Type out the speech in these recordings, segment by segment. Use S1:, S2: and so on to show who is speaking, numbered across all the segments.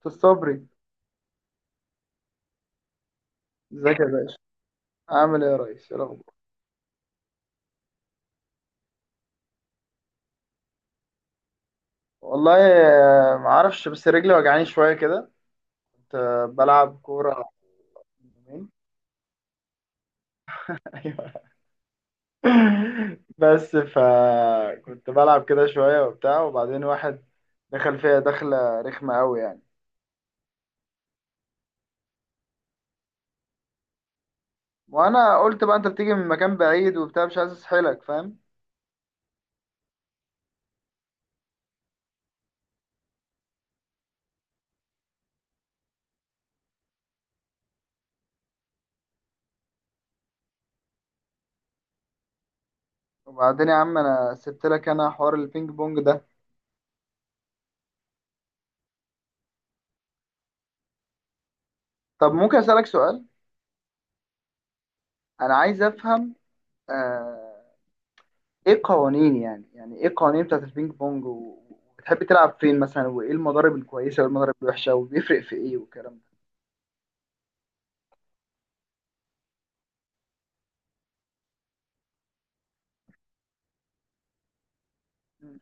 S1: في الصبري. ازيك يا باشا؟ عامل ايه يا ريس، ايه الاخبار؟ والله ما اعرفش بس رجلي وجعاني شويه كده. كنت بلعب كوره من يومين. ايوه، بس فكنت بلعب كده شويه وبتاع، وبعدين واحد دخل فيها دخله رخمه قوي يعني. وانا قلت بقى انت بتيجي من مكان بعيد وبتاع، مش عايز اسحلك، فاهم؟ وبعدين يا عم انا سبت لك انا حوار البينج بونج ده. طب ممكن اسالك سؤال؟ انا عايز افهم، آه، ايه القوانين، يعني ايه القوانين بتاعت البينج بونج وبتحب تلعب فين مثلا، وايه المضارب الكويسه والمضارب الوحشه، وبيفرق في ايه والكلام ده. مم.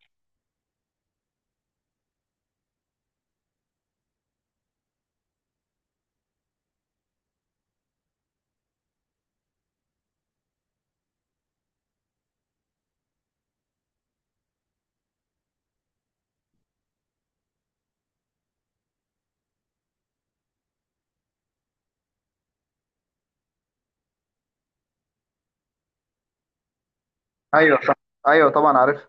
S1: ايوه صح، ايوه طبعا عارف.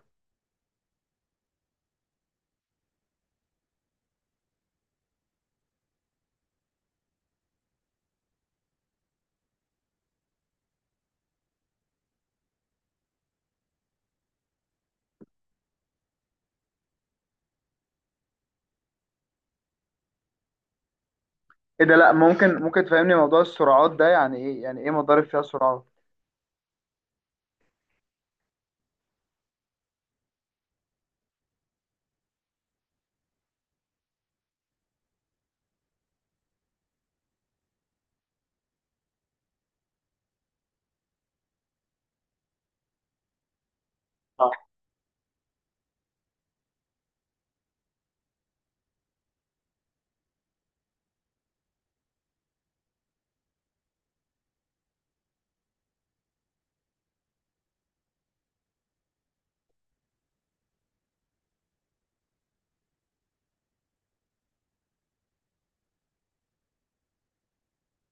S1: ايه ده، لا، ممكن تفهمني موضوع السرعات ده يعني ايه؟ يعني ايه مضارب فيها سرعات؟ اه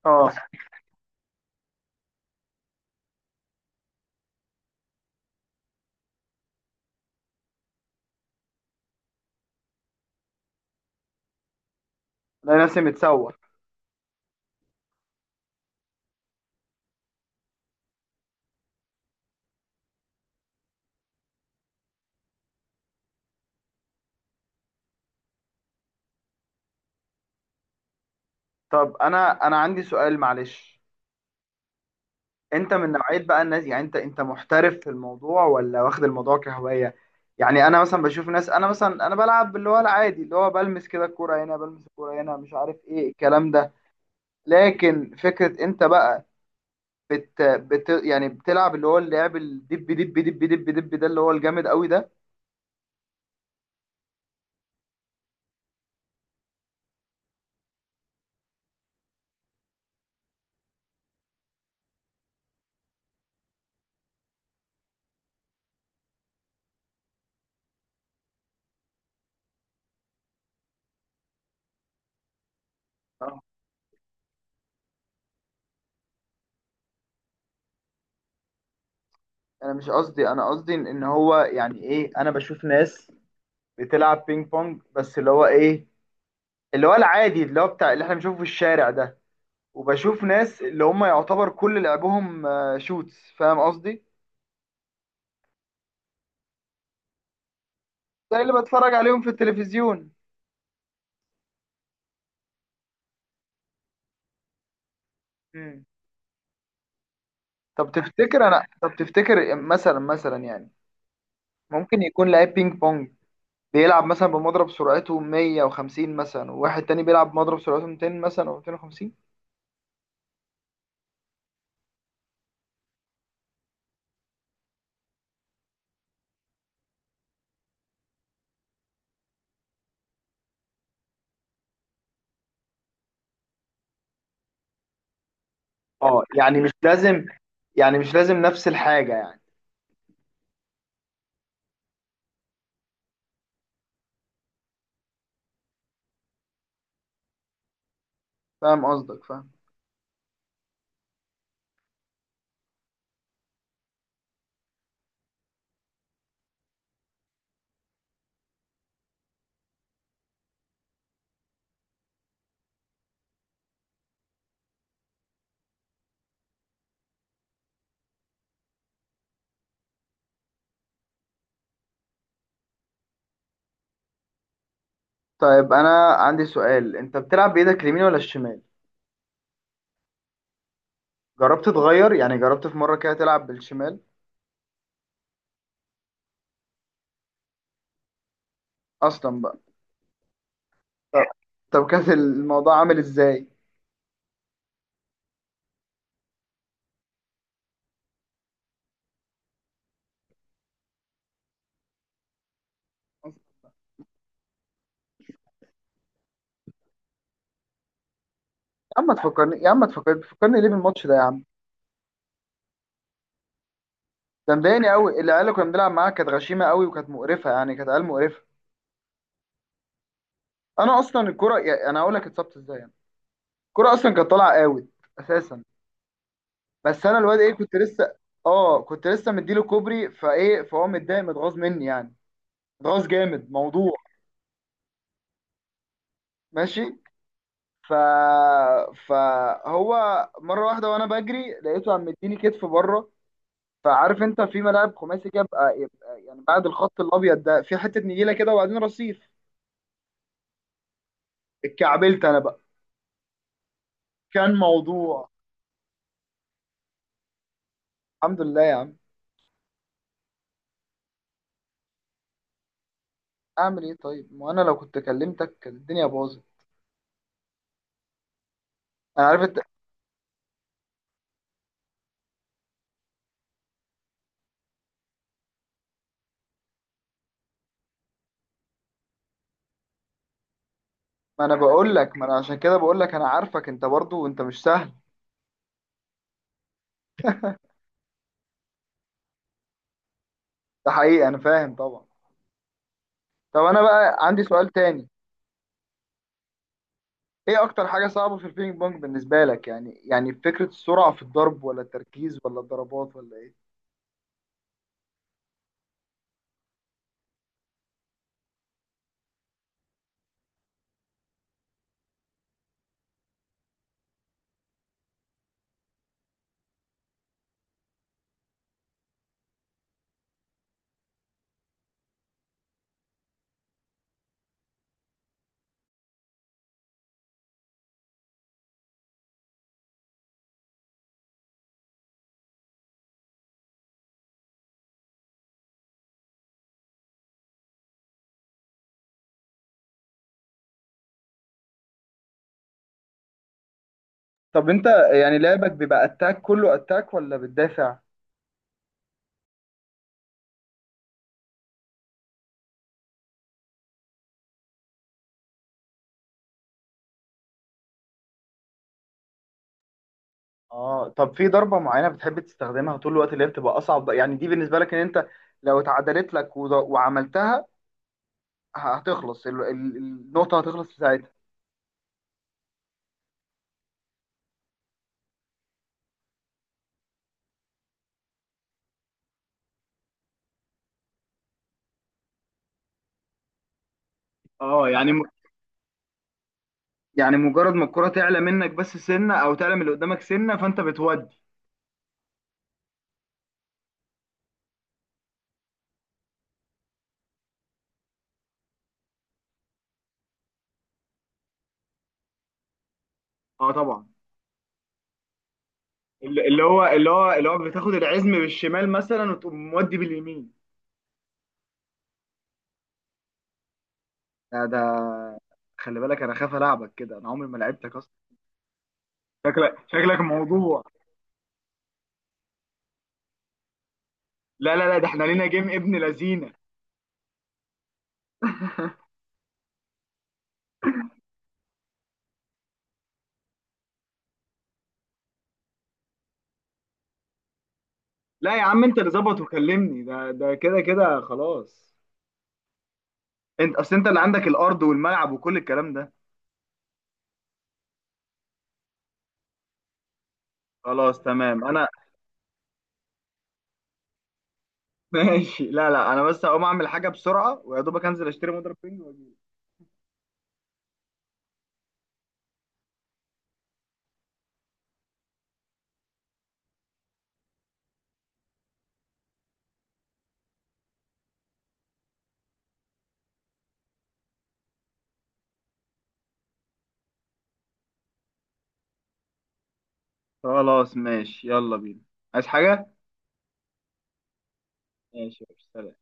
S1: اه. لا ناسي متسوح. طب انا عندي سؤال معلش. انت من نوعيه بقى الناس، يعني انت محترف في الموضوع ولا واخد الموضوع كهوايه؟ يعني انا مثلا بشوف ناس، انا مثلا انا بلعب اللي هو العادي، اللي هو بلمس كده الكوره هنا، بلمس الكوره هنا، مش عارف ايه الكلام ده. لكن فكرة انت بقى يعني بتلعب اللي هو اللعب الدب دب دب دب دب ده، اللي هو الجامد قوي ده. اه انا مش قصدي، انا قصدي ان إن هو يعني ايه، انا بشوف ناس بتلعب بينج بونج بس اللي هو ايه، اللي هو العادي اللي هو بتاع اللي احنا بنشوفه في الشارع ده، وبشوف ناس اللي هم يعتبر كل لعبهم شوتس، فاهم قصدي؟ زي اللي بتفرج عليهم في التلفزيون. مم. طب تفتكر انا، طب تفتكر مثلا، يعني ممكن يكون لعيب بينج بونج بيلعب مثلا بمضرب سرعته 150 مثلا، وواحد تاني بيلعب بمضرب سرعته 200 مثلا او 250؟ اه يعني مش لازم، يعني مش لازم نفس الحاجة يعني. فاهم قصدك، فاهم. طيب انا عندي سؤال، انت بتلعب بايدك اليمين ولا الشمال؟ جربت تغير، يعني جربت في مرة كده تلعب بالشمال؟ اصلا بقى. طب طب كان الموضوع عامل ازاي؟ يا عم ما تفكرني، يا عم ما تفكرني، تفكرني ليه بالماتش ده يا عم؟ ده مضايقني قوي. العيال اللي كنا بنلعب معاها كانت غشيمة قوي وكانت مقرفة، يعني كانت عيال مقرفة. انا اصلا الكرة، يعني انا هقول لك اتصبت ازاي يعني. الكرة اصلا كانت طالعه اوت اساسا، بس انا الواد ايه كنت لسه، اه كنت لسه مديله كوبري فايه، فهو متضايق متغاظ مني يعني، متغاظ جامد موضوع. ماشي. ف فهو مره واحده وانا بجري لقيته عم مديني كتف بره. فعارف انت في ملاعب خماسي كده بقى، يبقى يعني بعد الخط الابيض ده في حته نجيله كده وبعدين رصيف. اتكعبلت انا بقى. كان موضوع. الحمد لله يا عم. اعمل ايه طيب، ما انا لو كنت كلمتك كانت الدنيا باظت. انا عارف، ما انا بقول لك، ما انا عشان كده بقول لك انا عارفك، انت برضو انت مش سهل. ده حقيقي، انا فاهم طبعا. طب انا بقى عندي سؤال تاني، ايه اكتر حاجة صعبة في البينج بونج بالنسبة لك؟ يعني يعني فكرة السرعة في الضرب ولا التركيز ولا الضربات ولا ايه؟ طب انت يعني لعبك بيبقى اتاك كله اتاك ولا بتدافع؟ اه طب في ضربة معينة بتحب تستخدمها طول الوقت اللي هي بتبقى أصعب بقى؟ يعني دي بالنسبة لك إن أنت لو اتعدلت لك وعملتها هتخلص النقطة، هتخلص في ساعتها. اه يعني، يعني مجرد ما الكرة تعلى منك بس سنة او تعلى من اللي قدامك سنة فانت بتودي. اه طبعا. اللي هو بتاخد العزم بالشمال مثلا وتقوم مودي باليمين. ده خلي بالك، انا خاف العبك كده، انا عمري ما لعبتك اصلا. شكلك موضوع. لا لا لا، ده احنا لينا جيم ابن لذينه. لا يا عم، انت اللي ظبط وكلمني ده، ده كده كده خلاص. انت اصل انت اللي عندك الارض والملعب وكل الكلام ده. خلاص تمام انا. ماشي، لا لا، انا بس هقوم اعمل حاجه بسرعه ويا دوبك انزل اشتري مضرب بينج واجي. خلاص ماشي يلا بينا. عايز حاجة؟ ماشي يا باشا، سلام.